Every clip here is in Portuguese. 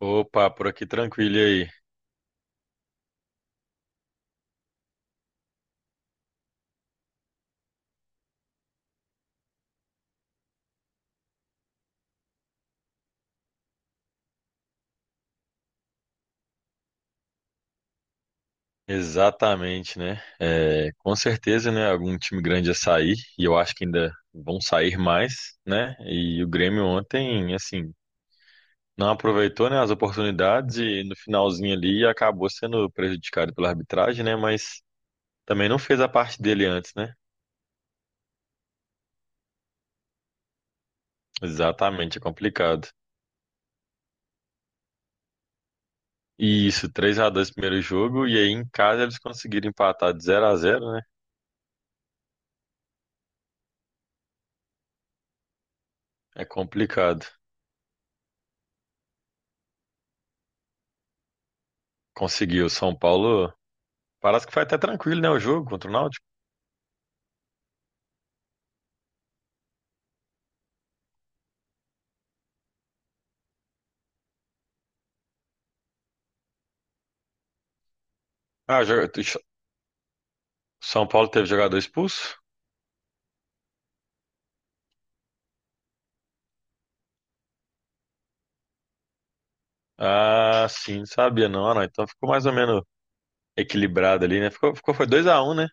Opa, por aqui tranquilo e aí. Exatamente, né? É, com certeza, né? Algum time grande ia sair e eu acho que ainda vão sair mais, né? E o Grêmio ontem, assim, não aproveitou, né, as oportunidades e no finalzinho ali acabou sendo prejudicado pela arbitragem, né? Mas também não fez a parte dele antes, né? Exatamente, é complicado. E isso, 3 a 2 primeiro jogo e aí em casa eles conseguiram empatar de 0 a 0, né? É complicado. Conseguiu. São Paulo. Parece que foi até tranquilo, né? O jogo contra o Náutico. Ah, jo- São Paulo teve jogador expulso? Ah, sim, não sabia não, ah, não. Então ficou mais ou menos equilibrado ali, né? Ficou, foi 2 a 1, né?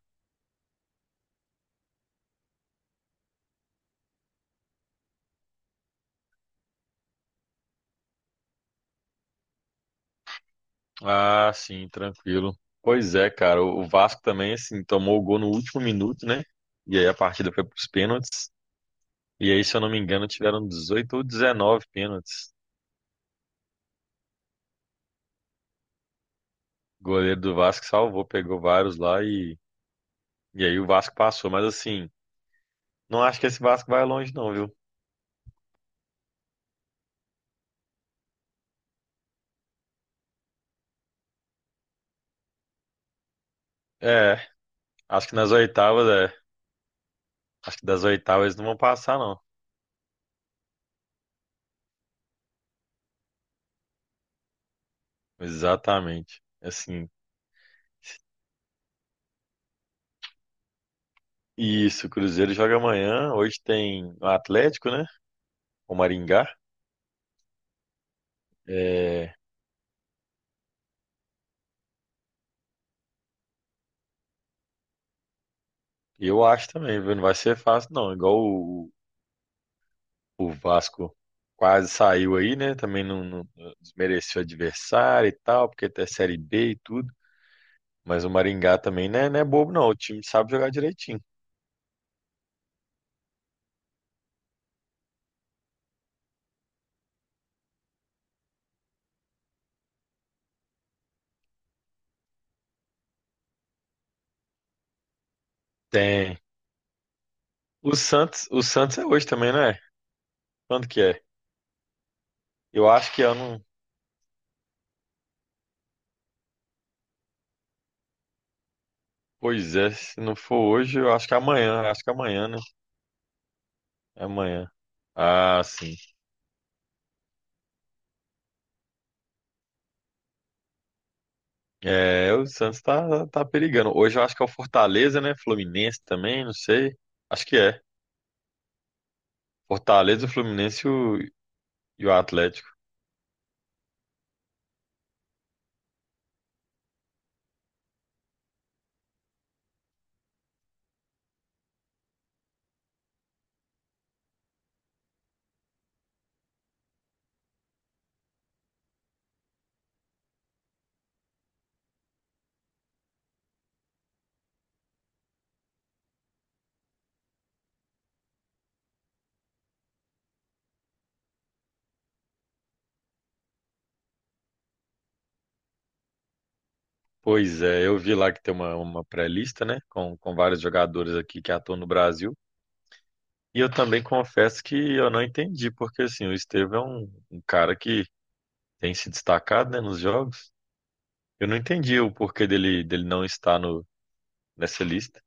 Ah, sim, tranquilo. Pois é, cara. O Vasco também, assim, tomou o gol no último minuto, né? E aí a partida foi pros pênaltis. E aí, se eu não me engano, tiveram 18 ou 19 pênaltis. O goleiro do Vasco salvou, pegou vários lá e aí o Vasco passou. Mas assim, não acho que esse Vasco vai longe, não, viu? É. Acho que nas oitavas, é. Acho que das oitavas eles não vão passar, não. Exatamente. Assim. Isso, o Cruzeiro joga amanhã. Hoje tem o Atlético, né? O Maringá. É, eu acho também, viu? Não vai ser fácil, não. Igual o Vasco quase saiu aí, né? Também não, não desmereceu o adversário e tal, porque até Série B e tudo. Mas o Maringá também não é, não é bobo, não. O time sabe jogar direitinho. Tem. O Santos, é hoje também, não é? Quando que é? Eu acho que é, eu não, pois é, se não for hoje, eu acho que é amanhã, acho que é amanhã, né? É amanhã. Ah, sim. É, o Santos tá, tá perigando. Hoje eu acho que é o Fortaleza, né? Fluminense também, não sei. Acho que é. Fortaleza, o Fluminense e o Atlético. Pois é, eu vi lá que tem uma pré-lista, né? Com vários jogadores aqui que atuam no Brasil. E eu também confesso que eu não entendi, porque assim, o Estevão é um, um cara que tem se destacado, né, nos jogos. Eu não entendi o porquê dele, dele não estar no, nessa lista.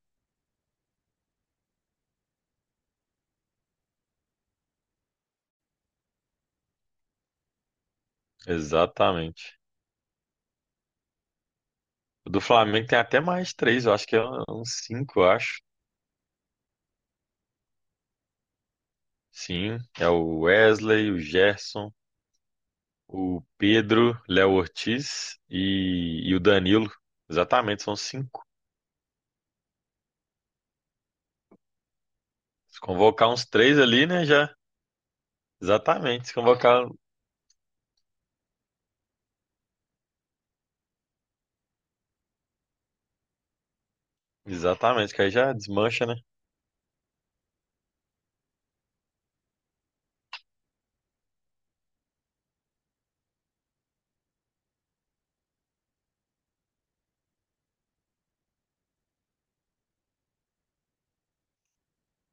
Exatamente. O do Flamengo tem até mais três, eu acho que é uns cinco, eu acho. Sim, é o Wesley, o Gerson, o Pedro, Léo Ortiz e o Danilo. Exatamente, são cinco. Se convocar uns três ali, né, já. Exatamente, se convocar. Exatamente, que aí já desmancha, né?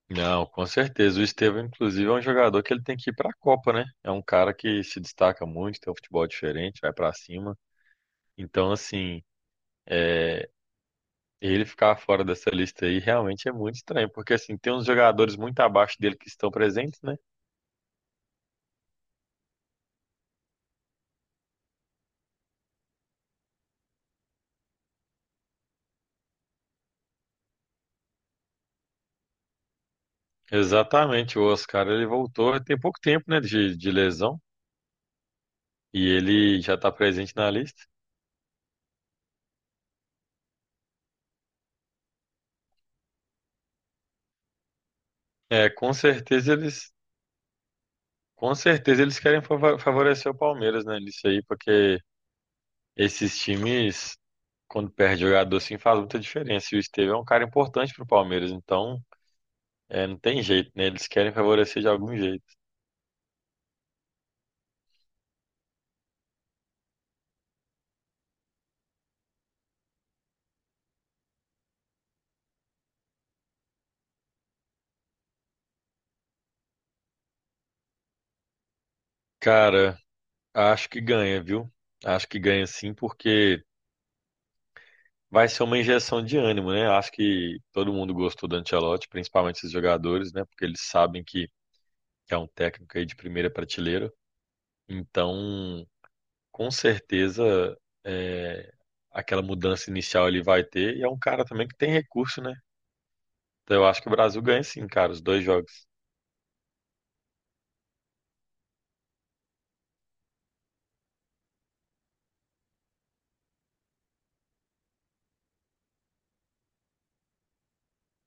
Não, com certeza. O Estevão, inclusive, é um jogador que ele tem que ir pra Copa, né? É um cara que se destaca muito, tem um futebol diferente, vai pra cima. Então, assim. É, e ele ficar fora dessa lista aí realmente é muito estranho, porque assim, tem uns jogadores muito abaixo dele que estão presentes, né? Exatamente, o Oscar, ele voltou tem pouco tempo, né, de lesão, e ele já está presente na lista. É, com certeza eles querem favorecer o Palmeiras, né, nisso aí, porque esses times, quando perde jogador assim, faz muita diferença, e o Estevão é um cara importante pro Palmeiras, então, é, não tem jeito, né, eles querem favorecer de algum jeito. Cara, acho que ganha, viu? Acho que ganha sim, porque vai ser uma injeção de ânimo, né? Acho que todo mundo gostou do Ancelotti, principalmente esses jogadores, né? Porque eles sabem que é um técnico aí de primeira prateleira. Então, com certeza, é, aquela mudança inicial ele vai ter. E é um cara também que tem recurso, né? Então, eu acho que o Brasil ganha sim, cara, os dois jogos.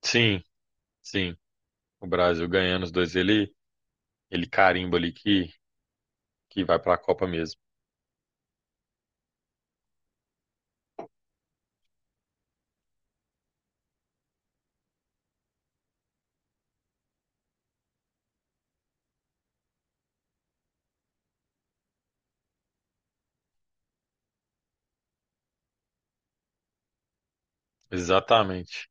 Sim, sim. O Brasil ganhando os dois, ele carimba ali que vai para a Copa mesmo. Exatamente.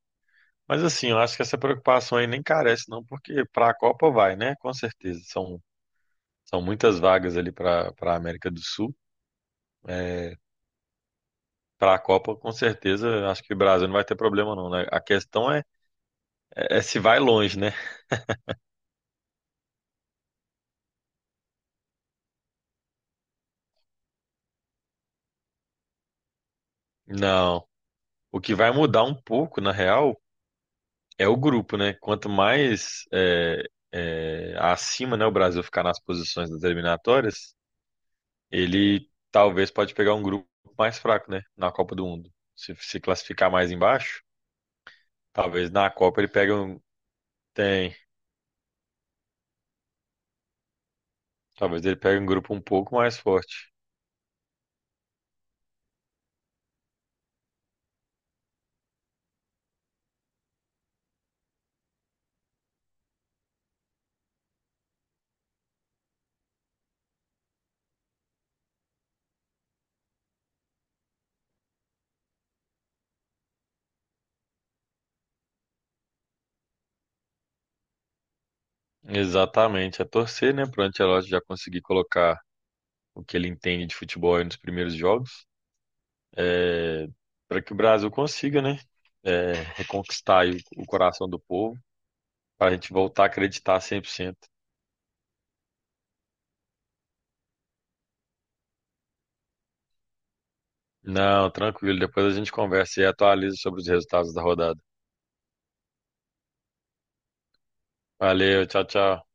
Mas assim, eu acho que essa preocupação aí nem carece, não, porque para a Copa vai, né? Com certeza. São, são muitas vagas ali para para a América do Sul. Para a Copa, com certeza, acho que o Brasil não vai ter problema, não, né? A questão é, é é se vai longe, né? Não. O que vai mudar um pouco, na real, é o grupo, né? Quanto mais é, é, acima, né, o Brasil ficar nas posições das eliminatórias, ele talvez pode pegar um grupo mais fraco, né? Na Copa do Mundo. Se classificar mais embaixo. Talvez na Copa ele pegue um. Tem. Talvez ele pegue um grupo um pouco mais forte. Exatamente. É torcer, né? Para o Ancelotti já conseguir colocar o que ele entende de futebol aí nos primeiros jogos. É... Para que o Brasil consiga, né? É... Reconquistar aí o coração do povo. Para a gente voltar a acreditar 100%. Não, tranquilo. Depois a gente conversa e atualiza sobre os resultados da rodada. Valeu, tchau, tchau.